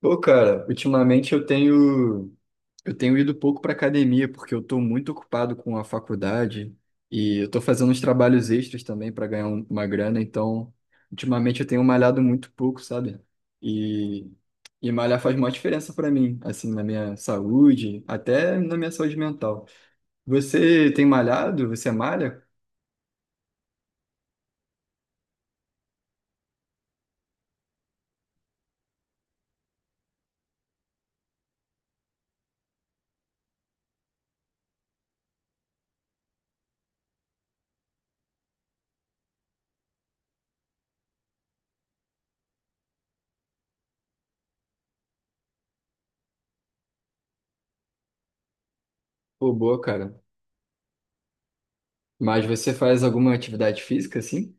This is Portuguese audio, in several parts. Pô, cara, ultimamente eu tenho ido pouco para academia porque eu estou muito ocupado com a faculdade e eu estou fazendo uns trabalhos extras também para ganhar uma grana, então ultimamente eu tenho malhado muito pouco, sabe? E e malhar faz uma diferença para mim, assim, na minha saúde, até na minha saúde mental. Você tem malhado? Você malha? Pô, boa, cara. Mas você faz alguma atividade física assim?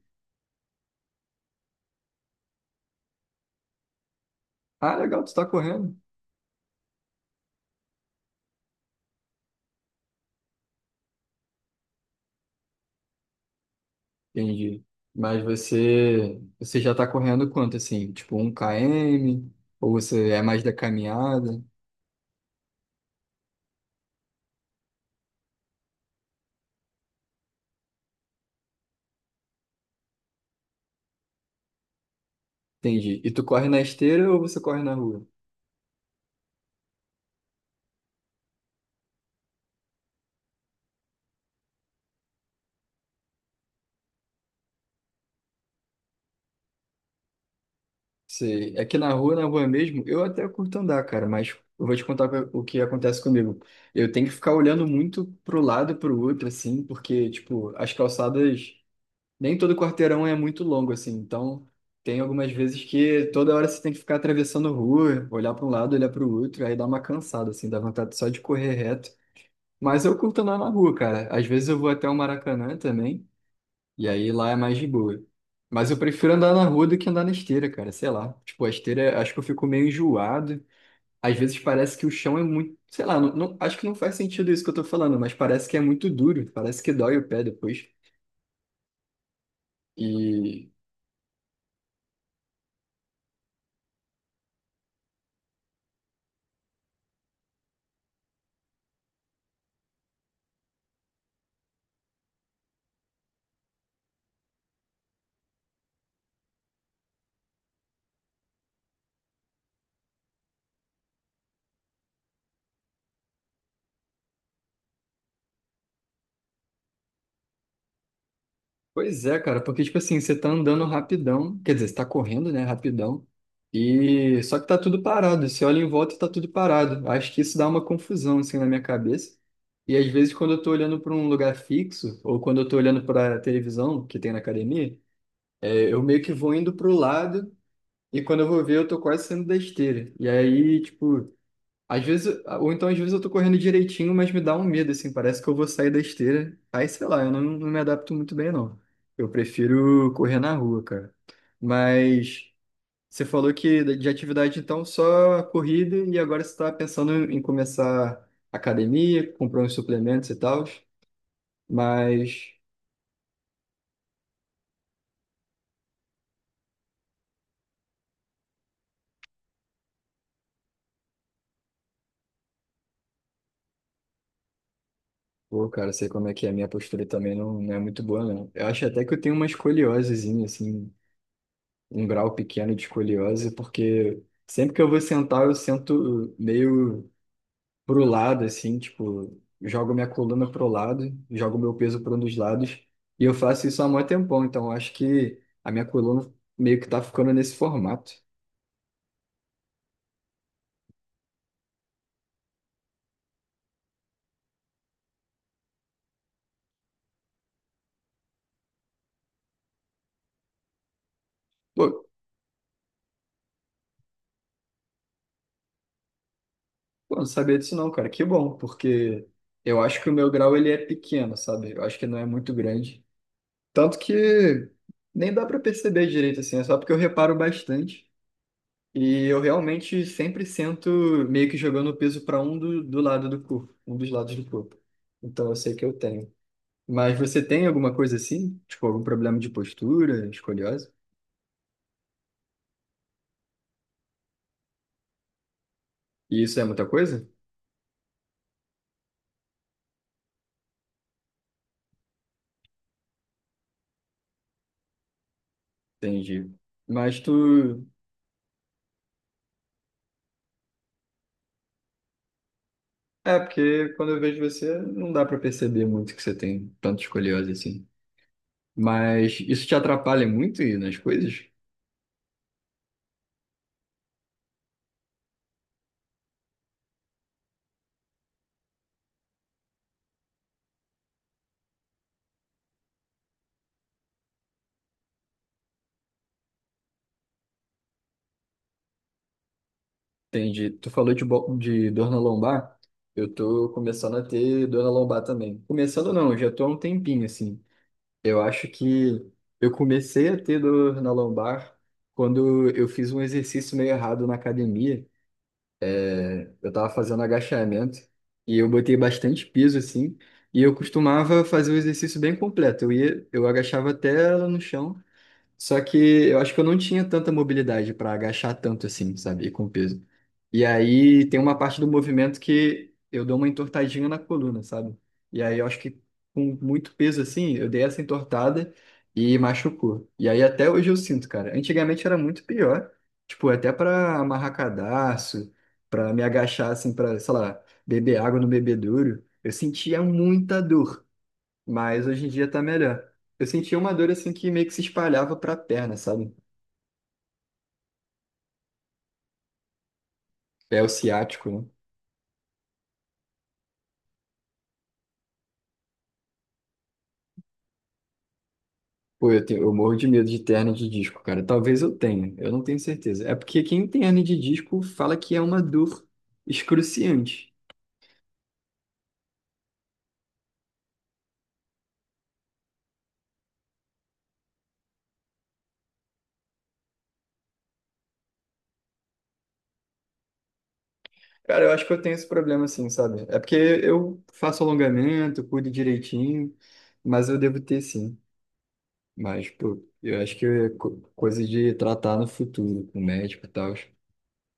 Ah, legal, tu tá correndo. Entendi. Mas você já tá correndo quanto assim? Tipo 1 km? Ou você é mais da caminhada? Entendi. E tu corre na esteira ou você corre na rua? Você, é que na rua mesmo, eu até curto andar, cara, mas eu vou te contar o que acontece comigo. Eu tenho que ficar olhando muito pro lado e pro outro, assim, porque, tipo, as calçadas nem todo quarteirão é muito longo assim, então tem algumas vezes que toda hora você tem que ficar atravessando rua, olhar para um lado, olhar para o outro, aí dá uma cansada assim, dá vontade só de correr reto. Mas eu curto andar na rua, cara. Às vezes eu vou até o Maracanã também, e aí lá é mais de boa. Mas eu prefiro andar na rua do que andar na esteira, cara, sei lá. Tipo, a esteira, acho que eu fico meio enjoado. Às vezes parece que o chão é muito, sei lá, acho que não faz sentido isso que eu tô falando, mas parece que é muito duro, parece que dói o pé depois. E Pois é, cara, porque, tipo assim, você tá andando rapidão, quer dizer, você tá correndo, né, rapidão, e só que tá tudo parado, você olha em volta e tá tudo parado. Acho que isso dá uma confusão, assim, na minha cabeça. E às vezes, quando eu tô olhando pra um lugar fixo, ou quando eu tô olhando pra televisão que tem na academia, é, eu meio que vou indo pro lado, e quando eu vou ver, eu tô quase saindo da esteira. E aí, tipo, às vezes, ou então às vezes eu tô correndo direitinho, mas me dá um medo, assim, parece que eu vou sair da esteira. Aí, sei lá, eu não me adapto muito bem, não. Eu prefiro correr na rua, cara. Mas você falou que de atividade, então, só corrida e agora você tá pensando em começar academia, comprar uns suplementos e tal. Mas, pô, cara, sei como é que é, minha postura também não é muito boa, não. Eu acho até que eu tenho uma escoliosezinha, assim, um grau pequeno de escoliose, porque sempre que eu vou sentar, eu sento meio pro lado, assim, tipo, jogo minha coluna pro lado, jogo meu peso para um dos lados, e eu faço isso há mó tempão, então eu acho que a minha coluna meio que tá ficando nesse formato. Pô, pô, não sabia disso não, cara, que bom, porque eu acho que o meu grau ele é pequeno, sabe? Eu acho que não é muito grande. Tanto que nem dá pra perceber direito, assim, é só porque eu reparo bastante. E eu realmente sempre sinto meio que jogando o peso para um do lado do corpo, um dos lados do corpo. Então eu sei que eu tenho. Mas você tem alguma coisa assim? Tipo, algum problema de postura, escoliose? E isso é muita coisa? Entendi. Mas tu. É, porque quando eu vejo você, não dá para perceber muito que você tem tanta escoliose assim. Mas isso te atrapalha muito nas coisas? Entendi. Tu falou de dor na lombar. Eu tô começando a ter dor na lombar também. Começando não, eu já tô há um tempinho assim. Eu acho que eu comecei a ter dor na lombar quando eu fiz um exercício meio errado na academia. É, eu tava fazendo agachamento e eu botei bastante peso assim. E eu costumava fazer o exercício bem completo. Eu ia, eu agachava até no chão. Só que eu acho que eu não tinha tanta mobilidade para agachar tanto assim, sabe? E com peso. E aí tem uma parte do movimento que eu dou uma entortadinha na coluna, sabe? E aí eu acho que com muito peso assim, eu dei essa entortada e machucou. E aí até hoje eu sinto, cara. Antigamente era muito pior, tipo, até para amarrar cadarço, para me agachar assim, para, sei lá, beber água no bebedouro, eu sentia muita dor. Mas hoje em dia tá melhor. Eu sentia uma dor assim que meio que se espalhava pra perna, sabe? É o ciático, né? Pô, eu tenho, eu morro de medo de hernia de disco, cara. Talvez eu tenha, eu não tenho certeza. É porque quem tem hernia de disco fala que é uma dor excruciante. Cara, eu acho que eu tenho esse problema assim, sabe? É porque eu faço alongamento, cuido direitinho, mas eu devo ter sim. Mas, pô, eu acho que é coisa de tratar no futuro, com o médico e tal.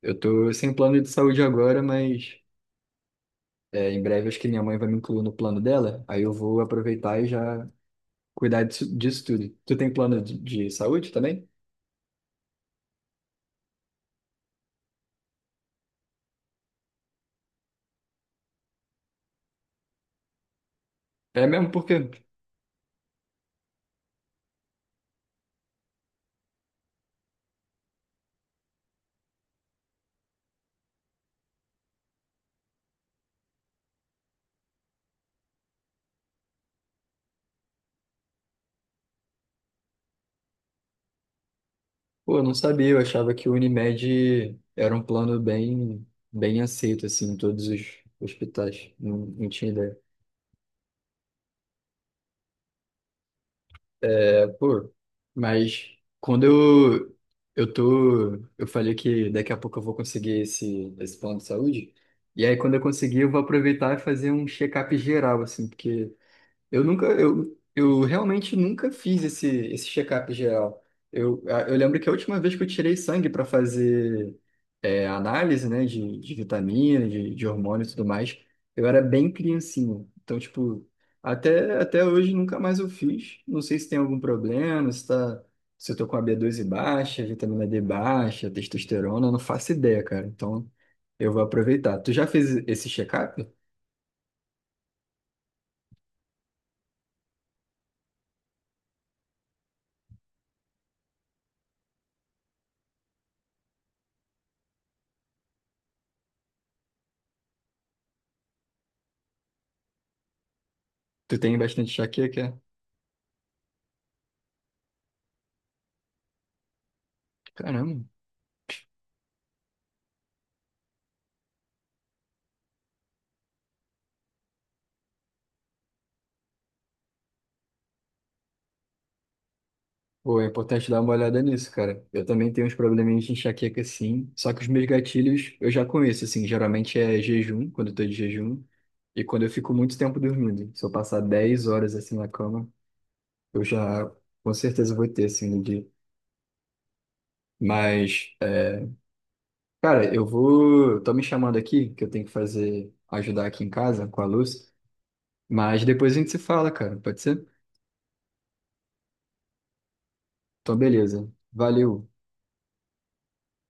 Eu tô sem plano de saúde agora, mas. É, em breve, acho que minha mãe vai me incluir no plano dela, aí eu vou aproveitar e já cuidar disso, disso tudo. Tu tem plano de saúde também? É mesmo porque, pô, eu não sabia, eu achava que o Unimed era um plano bem, bem aceito, assim, em todos os hospitais. Não, não tinha ideia. É, pô, mas quando eu tô, eu falei que daqui a pouco eu vou conseguir esse plano de saúde, e aí quando eu conseguir, eu vou aproveitar e fazer um check-up geral, assim, porque. Eu nunca, eu realmente nunca fiz esse check-up geral. Eu, eu lembro que a última vez que eu tirei sangue para fazer é, análise, né, de vitamina, de hormônio e tudo mais, eu era bem criancinho. Então, tipo, até, até hoje nunca mais eu fiz. Não sei se tem algum problema, se eu tô com a B12 baixa, vitamina D baixa, testosterona, eu não faço ideia, cara. Então, eu vou aproveitar. Tu já fez esse check-up? Tu tem bastante enxaqueca? Caramba. Pô, é importante dar uma olhada nisso, cara. Eu também tenho uns probleminhas de enxaqueca, sim. Só que os meus gatilhos eu já conheço, assim. Geralmente é jejum, quando eu tô de jejum. E quando eu fico muito tempo dormindo. Se eu passar 10 horas, assim, na cama, eu já com certeza vou ter, assim, no dia. Mas, é, cara, eu vou... Tô me chamando aqui, que eu tenho que fazer... Ajudar aqui em casa, com a luz. Mas depois a gente se fala, cara. Pode ser? Então, beleza. Valeu.